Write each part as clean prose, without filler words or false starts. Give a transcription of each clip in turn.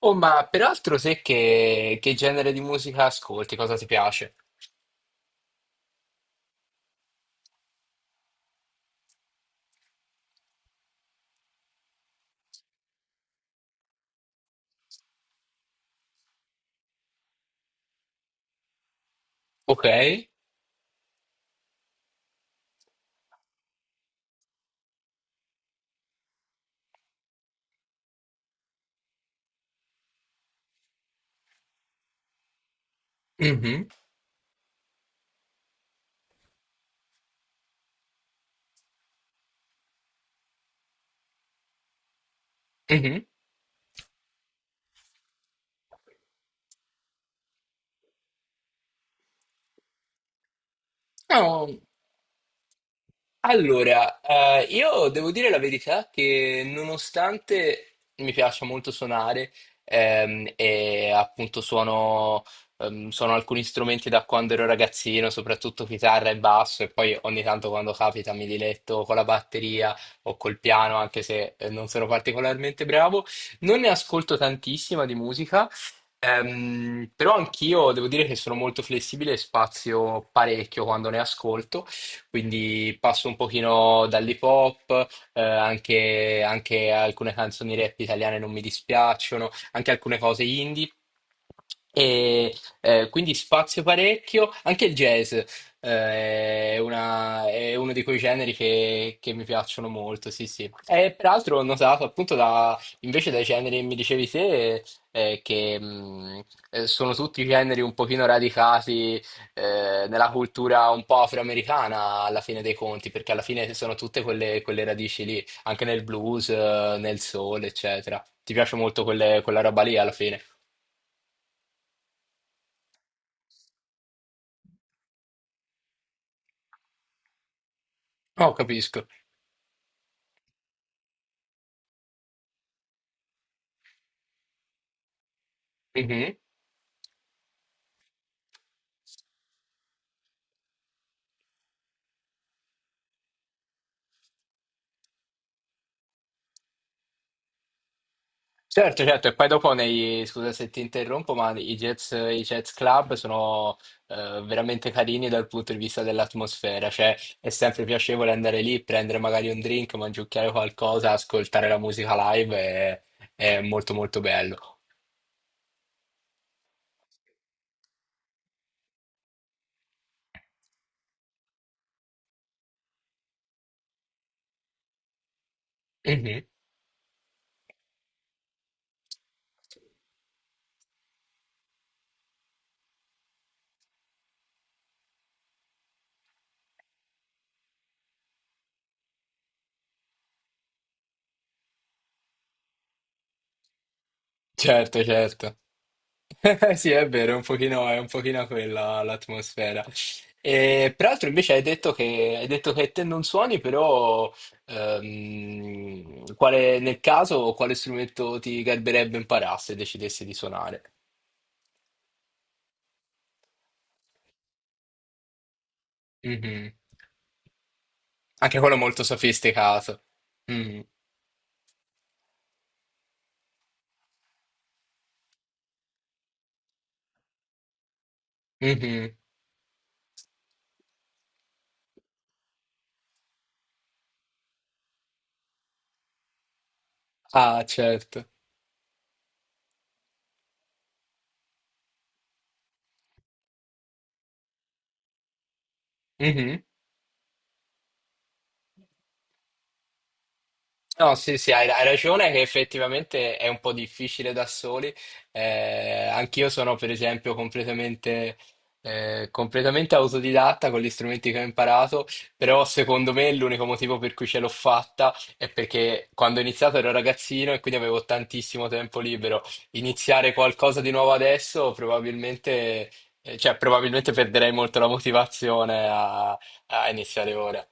Oh, ma peraltro sai che genere di musica ascolti? Cosa ti piace? Ok. Mhm, mhm. No. Allora, io devo dire la verità che nonostante mi piaccia molto suonare e appunto suono, suono alcuni strumenti da quando ero ragazzino, soprattutto chitarra e basso, e poi ogni tanto quando capita mi diletto con la batteria o col piano, anche se non sono particolarmente bravo, non ne ascolto tantissima di musica. Però anch'io devo dire che sono molto flessibile e spazio parecchio quando ne ascolto, quindi passo un pochino dall'hip hop, anche, anche alcune canzoni rap italiane non mi dispiacciono, anche alcune cose indie. E quindi spazio parecchio, anche il jazz è, è uno di quei generi che mi piacciono molto, sì, sì. E peraltro ho notato appunto invece dai generi che mi dicevi te, che sono tutti generi un pochino radicati nella cultura un po' afroamericana alla fine dei conti, perché alla fine sono tutte quelle radici lì, anche nel blues, nel soul, eccetera. Ti piace molto quella roba lì alla fine? Oh, capisco. Mhm. Certo, certo, e poi dopo scusa se ti interrompo, ma i jazz club sono veramente carini dal punto di vista dell'atmosfera, cioè è sempre piacevole andare lì, prendere magari un drink, mangiucchiare qualcosa, ascoltare la musica live, è molto molto bello. Certo, certo. Sì, è vero, è un pochino quella l'atmosfera. E, peraltro invece hai detto che te non suoni, però nel caso quale strumento ti garberebbe imparare se decidessi di suonare? Mhm. Anche quello molto sofisticato. Mm. Mhm. Ah, certo. Mhm. No, sì, sì, hai ragione che effettivamente è un po' difficile da soli. Anch'io sono, per esempio, completamente autodidatta con gli strumenti che ho imparato, però secondo me l'unico motivo per cui ce l'ho fatta è perché quando ho iniziato ero ragazzino e quindi avevo tantissimo tempo libero. Iniziare qualcosa di nuovo adesso probabilmente, probabilmente perderei molto la motivazione a iniziare ora.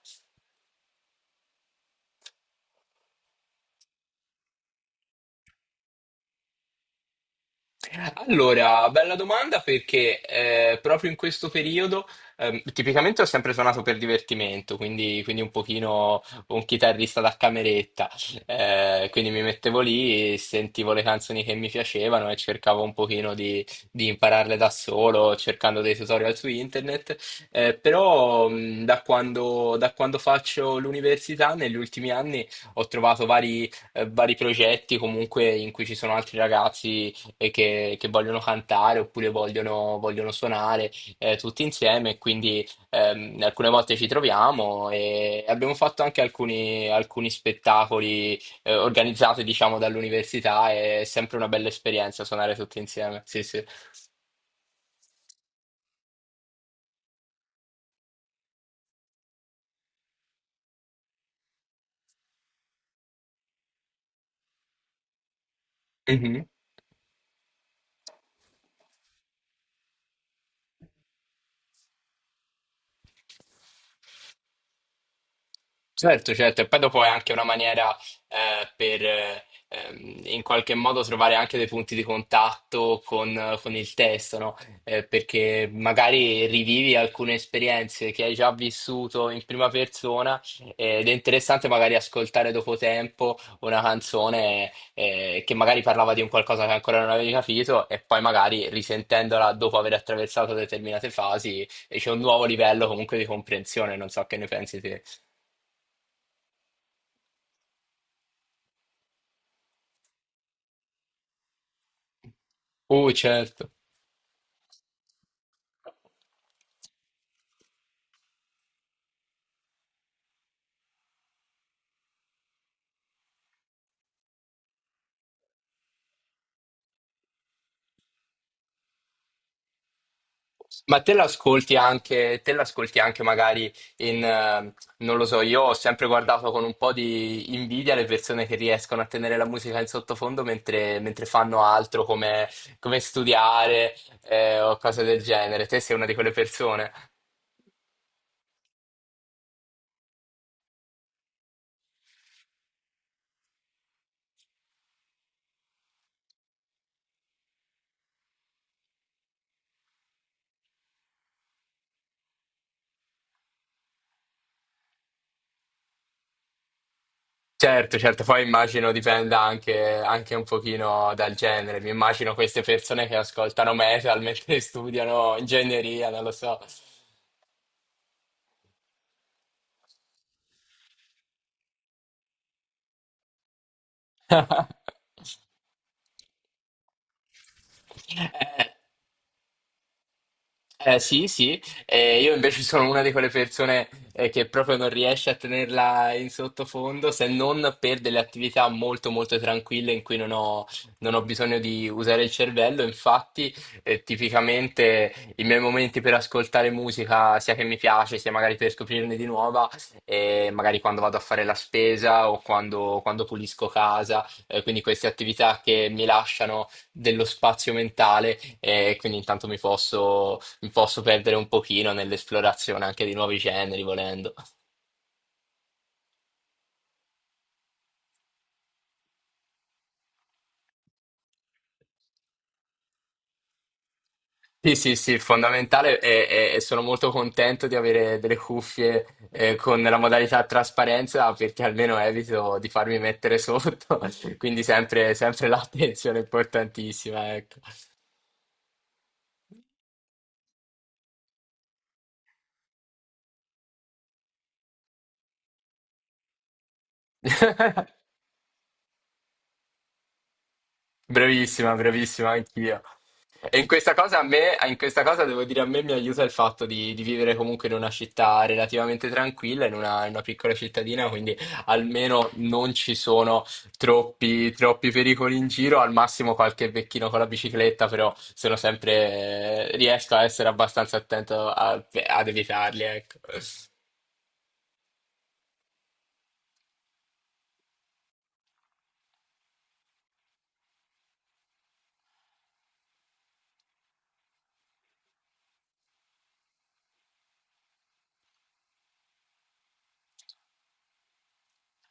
Allora, bella domanda perché proprio in questo periodo tipicamente ho sempre suonato per divertimento, quindi un pochino un chitarrista da cameretta. Quindi mi mettevo lì, sentivo le canzoni che mi piacevano e cercavo un pochino di impararle da solo, cercando dei tutorial su internet. Però Da quando faccio l'università negli ultimi anni ho trovato vari progetti comunque in cui ci sono altri ragazzi e che vogliono cantare oppure vogliono suonare tutti insieme. Quindi alcune volte ci troviamo e abbiamo fatto anche alcuni spettacoli organizzati, diciamo, dall'università. È sempre una bella esperienza suonare tutti insieme. Sì, sì. Certo, certo, e poi dopo è anche una maniera per in qualche modo trovare anche dei punti di contatto con il testo, no? Perché magari rivivi alcune esperienze che hai già vissuto in prima persona, ed è interessante magari ascoltare dopo tempo una canzone che magari parlava di un qualcosa che ancora non avevi capito e poi magari risentendola dopo aver attraversato determinate fasi c'è un nuovo livello comunque di comprensione, non so che ne pensi te. Certo. Ma te l'ascolti anche magari in, non lo so, io ho sempre guardato con un po' di invidia le persone che riescono a tenere la musica in sottofondo mentre fanno altro, come, come studiare, o cose del genere. Te sei una di quelle persone? Certo, certo, poi immagino dipenda anche, anche un pochino dal genere. Mi immagino queste persone che ascoltano metal mentre studiano ingegneria, non lo so. Eh, sì, io invece sono una di quelle persone che proprio non riesce a tenerla in sottofondo se non per delle attività molto molto tranquille in cui non ho bisogno di usare il cervello. Infatti, tipicamente i miei momenti per ascoltare musica, sia che mi piace, sia magari per scoprirne di nuova, magari quando vado a fare la spesa o quando pulisco casa. Quindi queste attività che mi lasciano dello spazio mentale e quindi intanto mi posso perdere un pochino nell'esplorazione anche di nuovi generi, volendo. Sì, sì, sì, fondamentale e sono molto contento di avere delle cuffie con la modalità trasparenza perché almeno evito di farmi mettere sotto, quindi sempre, sempre l'attenzione è importantissima, ecco. Bravissima, bravissima anch'io. E in questa cosa devo dire, a me mi aiuta il fatto di vivere comunque in una città relativamente tranquilla, in in una piccola cittadina, quindi almeno non ci sono troppi pericoli in giro, al massimo qualche vecchino con la bicicletta, però sono sempre, riesco a essere abbastanza attento ad evitarli, ecco.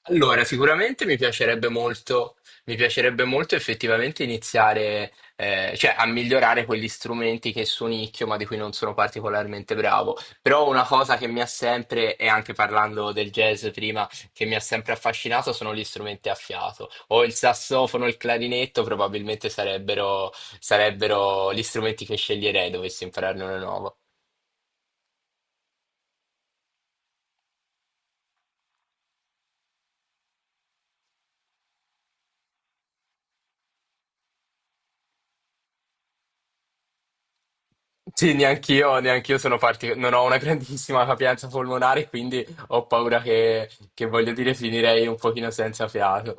Allora, sicuramente mi piacerebbe molto effettivamente iniziare, cioè a migliorare quegli strumenti che suonicchio ma di cui non sono particolarmente bravo. Però una cosa che mi ha sempre, e anche parlando del jazz prima, che mi ha sempre affascinato sono gli strumenti a fiato. O il sassofono, il clarinetto probabilmente sarebbero, sarebbero gli strumenti che sceglierei dovessi impararne uno nuovo. Sì, neanch'io, neanch'io sono non ho una grandissima capienza polmonare, quindi ho paura che voglio dire finirei un pochino senza fiato.